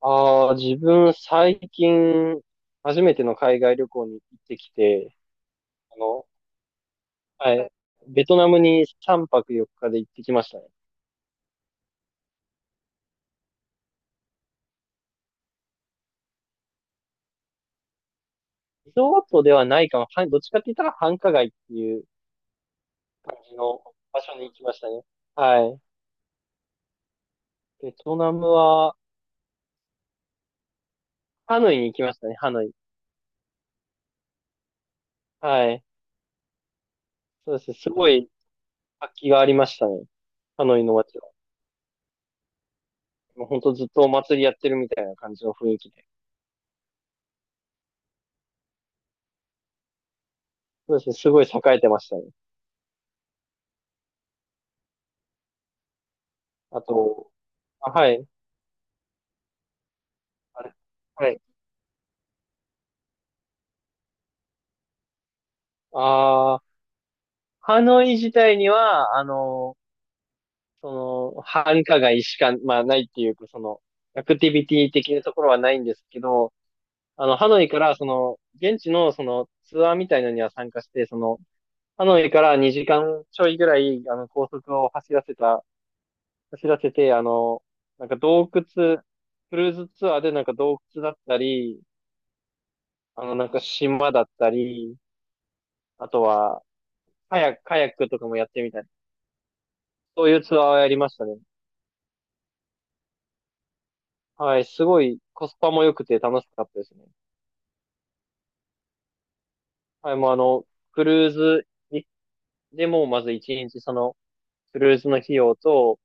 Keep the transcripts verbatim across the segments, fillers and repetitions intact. ああ、自分最近、初めての海外旅行に行ってきて、あの、はい、ベトナムにさんぱくよっかで行ってきましたね。リゾートではないかも。はい、どっちかって言ったら繁華街っていう感じの場所に行きましたね。はい。ベトナムは、ハノイに行きましたね、ハノイ。はい。そうです。すごい活気がありましたね。ハノイの街は。もうほんとずっとお祭りやってるみたいな感じの雰囲気で。そうですね。すごい栄えてましたね。あと、あ、はい。あれ。はい。ああ、ハノイ自体には、あの、その、繁華街しか、まあないっていうか、その、アクティビティ的なところはないんですけど、あの、ハノイから、その、現地の、その、ツアーみたいなのには参加して、その、ハノイからにじかんちょいぐらい、あの、高速を走らせた、走らせて、あの、なんか洞窟、クルーズツアーでなんか洞窟だったり、あの、なんか島だったり、あとは、カヤ、カヤックとかもやってみたり、そういうツアーをやりましたね。はい、すごいコスパも良くて楽しかったですね。はい、もうあの、クルーズにでもまず一日その、クルーズの費用と、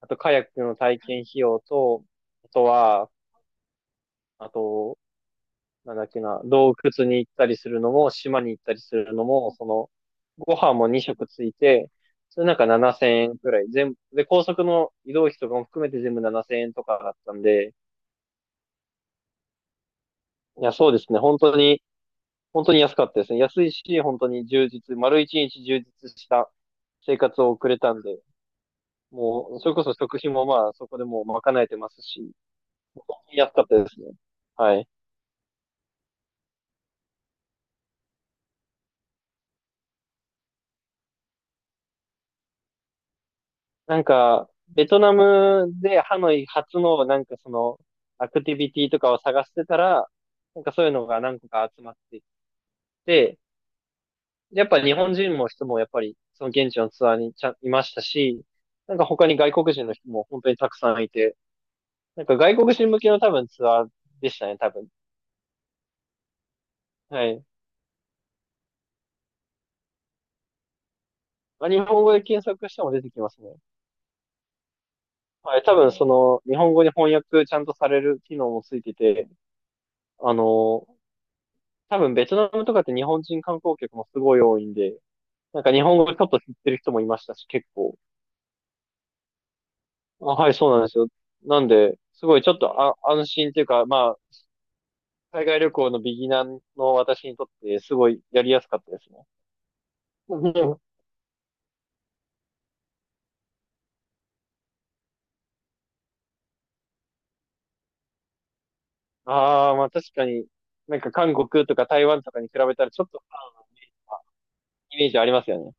あとカヤックの体験費用と、あとは、あと、なんだっけな、洞窟に行ったりするのも、島に行ったりするのも、その、ご飯もに食ついて、それなんかななせんえんくらい、全部、で、高速の移動費とかも含めて全部ななせんえんとかだったんで、いや、そうですね、本当に本当に安かったですね。安いし、本当に充実、丸一日充実した生活を送れたんで、もう、それこそ食費もまあ、そこでもう賄えてますし、本当に安かったですね。はい。なんか、ベトナムでハノイ初のなんかその、アクティビティとかを探してたら、なんかそういうのが何個か集まってきて、やっぱ日本人も人もやっぱりその現地のツアーにちゃんいましたし、なんか他に外国人の人も本当にたくさんいて、なんか外国人向けの多分ツアーでしたね、多分。はい。まあ、日本語で検索しても出てきますね。はい、多分その、日本語に翻訳ちゃんとされる機能もついてて、あの多分ベトナムとかって日本人観光客もすごい多いんで、なんか日本語ちょっと知ってる人もいましたし、結構。あ、はい、そうなんですよ。なんで、すごいちょっとあ安心というか、まあ、海外旅行のビギナーの私にとって、すごいやりやすかったですね。ああ、まあ確かに、なんか韓国とか台湾とかに比べたらちょっとイメージありますよね。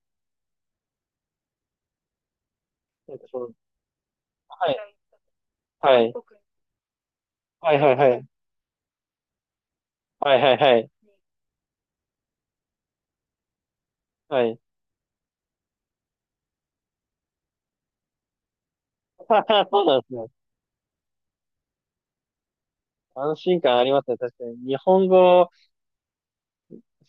なんかその、はいはいはいはいはいはいはいはいはい。そうなんですね。安心感ありますね。確かに。日本語、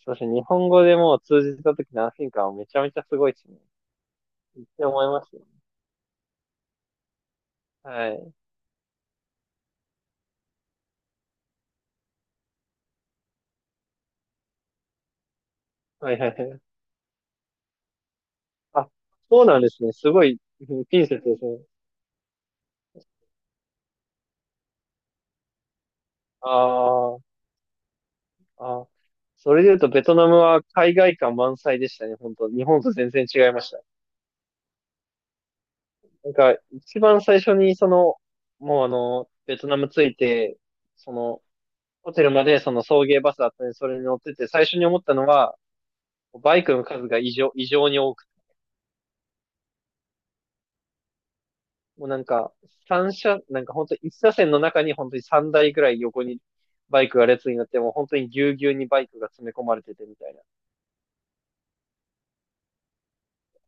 そうですね。日本語でもう通じた時の安心感はめちゃめちゃすごいですね。って思いますよ。はい。はいはいはい。あ、そうなんですね。すごい、うんピンセットですね。あーあー。それで言うと、ベトナムは海外感満載でしたね。本当日本と全然違いました。なんか、一番最初に、その、もうあの、ベトナム着いて、その、ホテルまでその送迎バスだったんで、それに乗ってて、最初に思ったのは、バイクの数が異常、異常に多くて、もうなんか、三車、なんか本当一車線の中に本当に三台ぐらい横にバイクが列になって、もう本当にぎゅうぎゅうにバイクが詰め込まれててみたいな。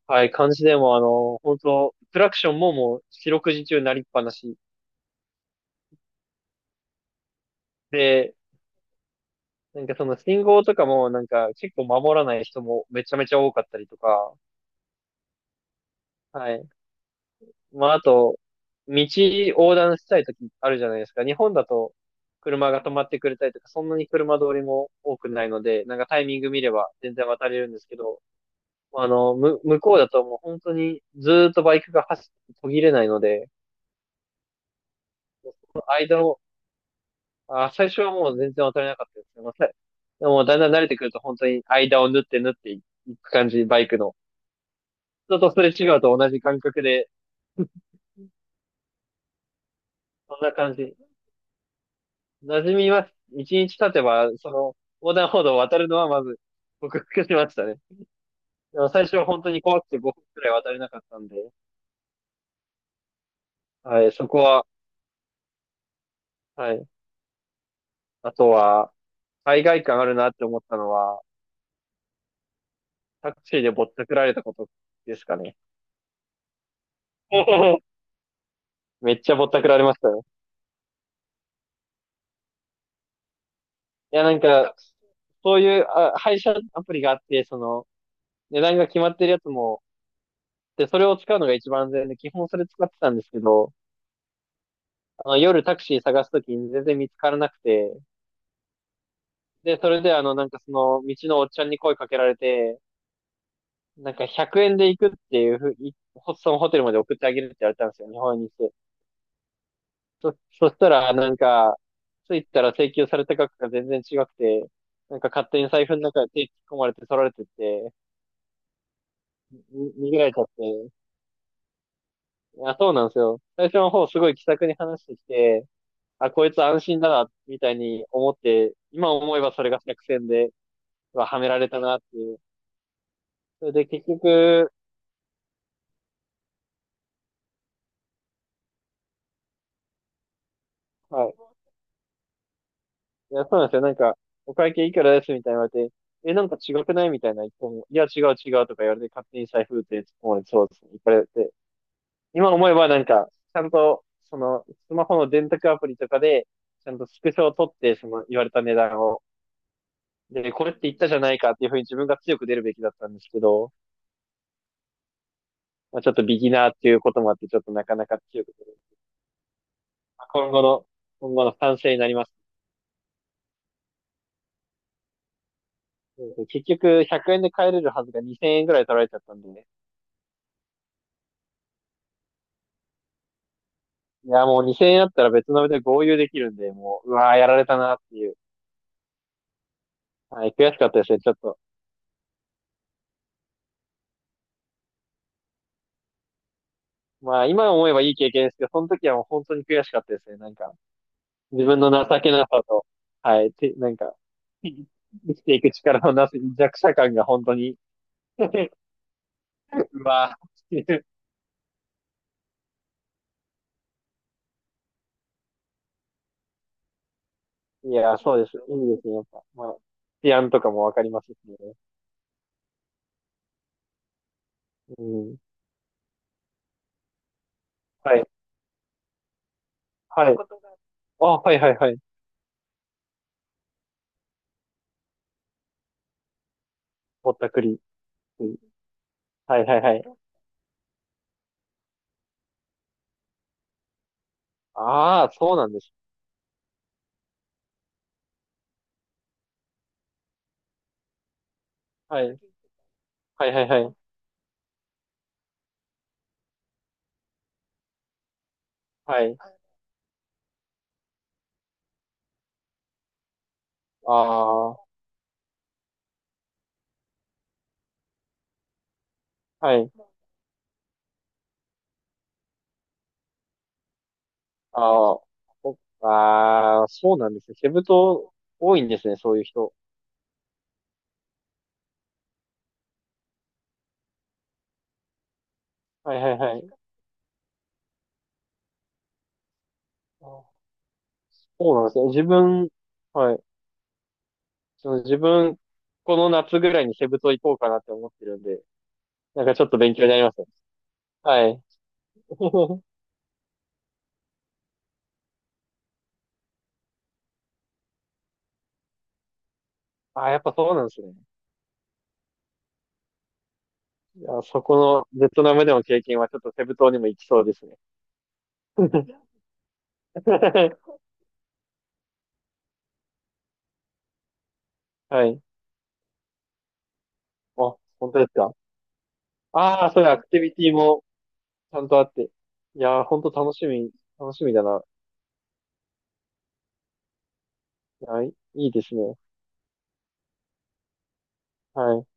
はい、感じでもうあの、本当クラクションももう四六時中鳴りっぱなし。で、なんかその信号とかもなんか結構守らない人もめちゃめちゃ多かったりとか、はい。まああと、道横断したい時あるじゃないですか。日本だと車が止まってくれたりとか、そんなに車通りも多くないので、なんかタイミング見れば全然渡れるんですけど、まあの、む、向こうだともう本当にずーっとバイクが走って途切れないので、その間の、あ、最初はもう全然渡れなかったですけど、まあさでもだんだん慣れてくると本当に間を縫って縫っていく感じ、バイクの。人とすれ違うと同じ感覚で、そんな感じ。馴染みます。一日経てば、その、横断歩道を渡るのはまず、克服しましたね。でも最初は本当に怖くてごふんくらい渡れなかったんで、はい、そこは、はい。あとは、海外感あるなって思ったのは、タクシーでぼったくられたことですかね。めっちゃぼったくられましたよ。いや、なんか、そういうあ配車アプリがあって、その、値段が決まってるやつも、で、それを使うのが一番安全で、基本それ使ってたんですけど、あの、夜タクシー探すときに全然見つからなくて、で、それであの、なんかその、道のおっちゃんに声かけられて、なんかひゃくえんで行くっていうふう、いホそのホテルまで送ってあげるって言われたんですよ、日本円にして。そ、そしたら、なんか、着いたら請求された額が全然違くて、なんか勝手に財布の中で手突っ込まれて取られてって、に逃げられちゃって。あ、そうなんですよ。最初の方すごい気さくに話してきて、あ、こいつ安心だな、みたいに思って、今思えばそれが作戦で、うわはめられたなっていう。それで結局、はい。いや、そうなんですよ。なんか、お会計いくらですみたいな言われて、え、なんか違くないみたいな言っても、いや、違う違うとか言われて、勝手に財布って突っ込まれて、そうですね。いっぱいやって。今思えばなんか、ちゃんと、その、スマホの電卓アプリとかで、ちゃんとスクショを取って、その、言われた値段を、で、これって言ったじゃないかっていうふうに自分が強く出るべきだったんですけど、まあ、ちょっとビギナーっていうこともあって、ちょっとなかなか強く出る。まあ、今後の、今後の賛成になります。そうそう結局、ひゃくえんで帰れるはずがにせんえんぐらい取られちゃったんでね。いや、もうにせんえんあったら別の部で合流できるんで、もう、うわー、やられたなっていう。はい、悔しかったですね、ちょっと。まあ、今思えばいい経験ですけど、その時はもう本当に悔しかったですね。なんか、自分の情けなさと、はい、て、なんか、生きていく力のなす弱者感が本当に、うわーっていう。いや、そうです。いいですね、やっぱ。まあ、治安とかもわかりますしね。うん。はい、はい。あ、はい、はい、はい。ぼったくり。はいはいはい。ああ、そうなんです。はい。はいはいはい。はい。ああ、はい。ああ、そああ、そうなんですね。セブ島多いんですね、そういう人。はいはいはい。あーそうなんですね。自分、はい。その自分、この夏ぐらいにセブ島行こうかなって思ってるんで、なんかちょっと勉強になりますね。はい。ああ、やっぱそうなんですね。いや、そこのベトナムでの経験はちょっとセブ島にも行きそうですね。はい。あ、本当ですか。ああ、そういうアクティビティもちゃんとあって。いやー、ほんと楽しみ、楽しみだな。いやいいですね。はい。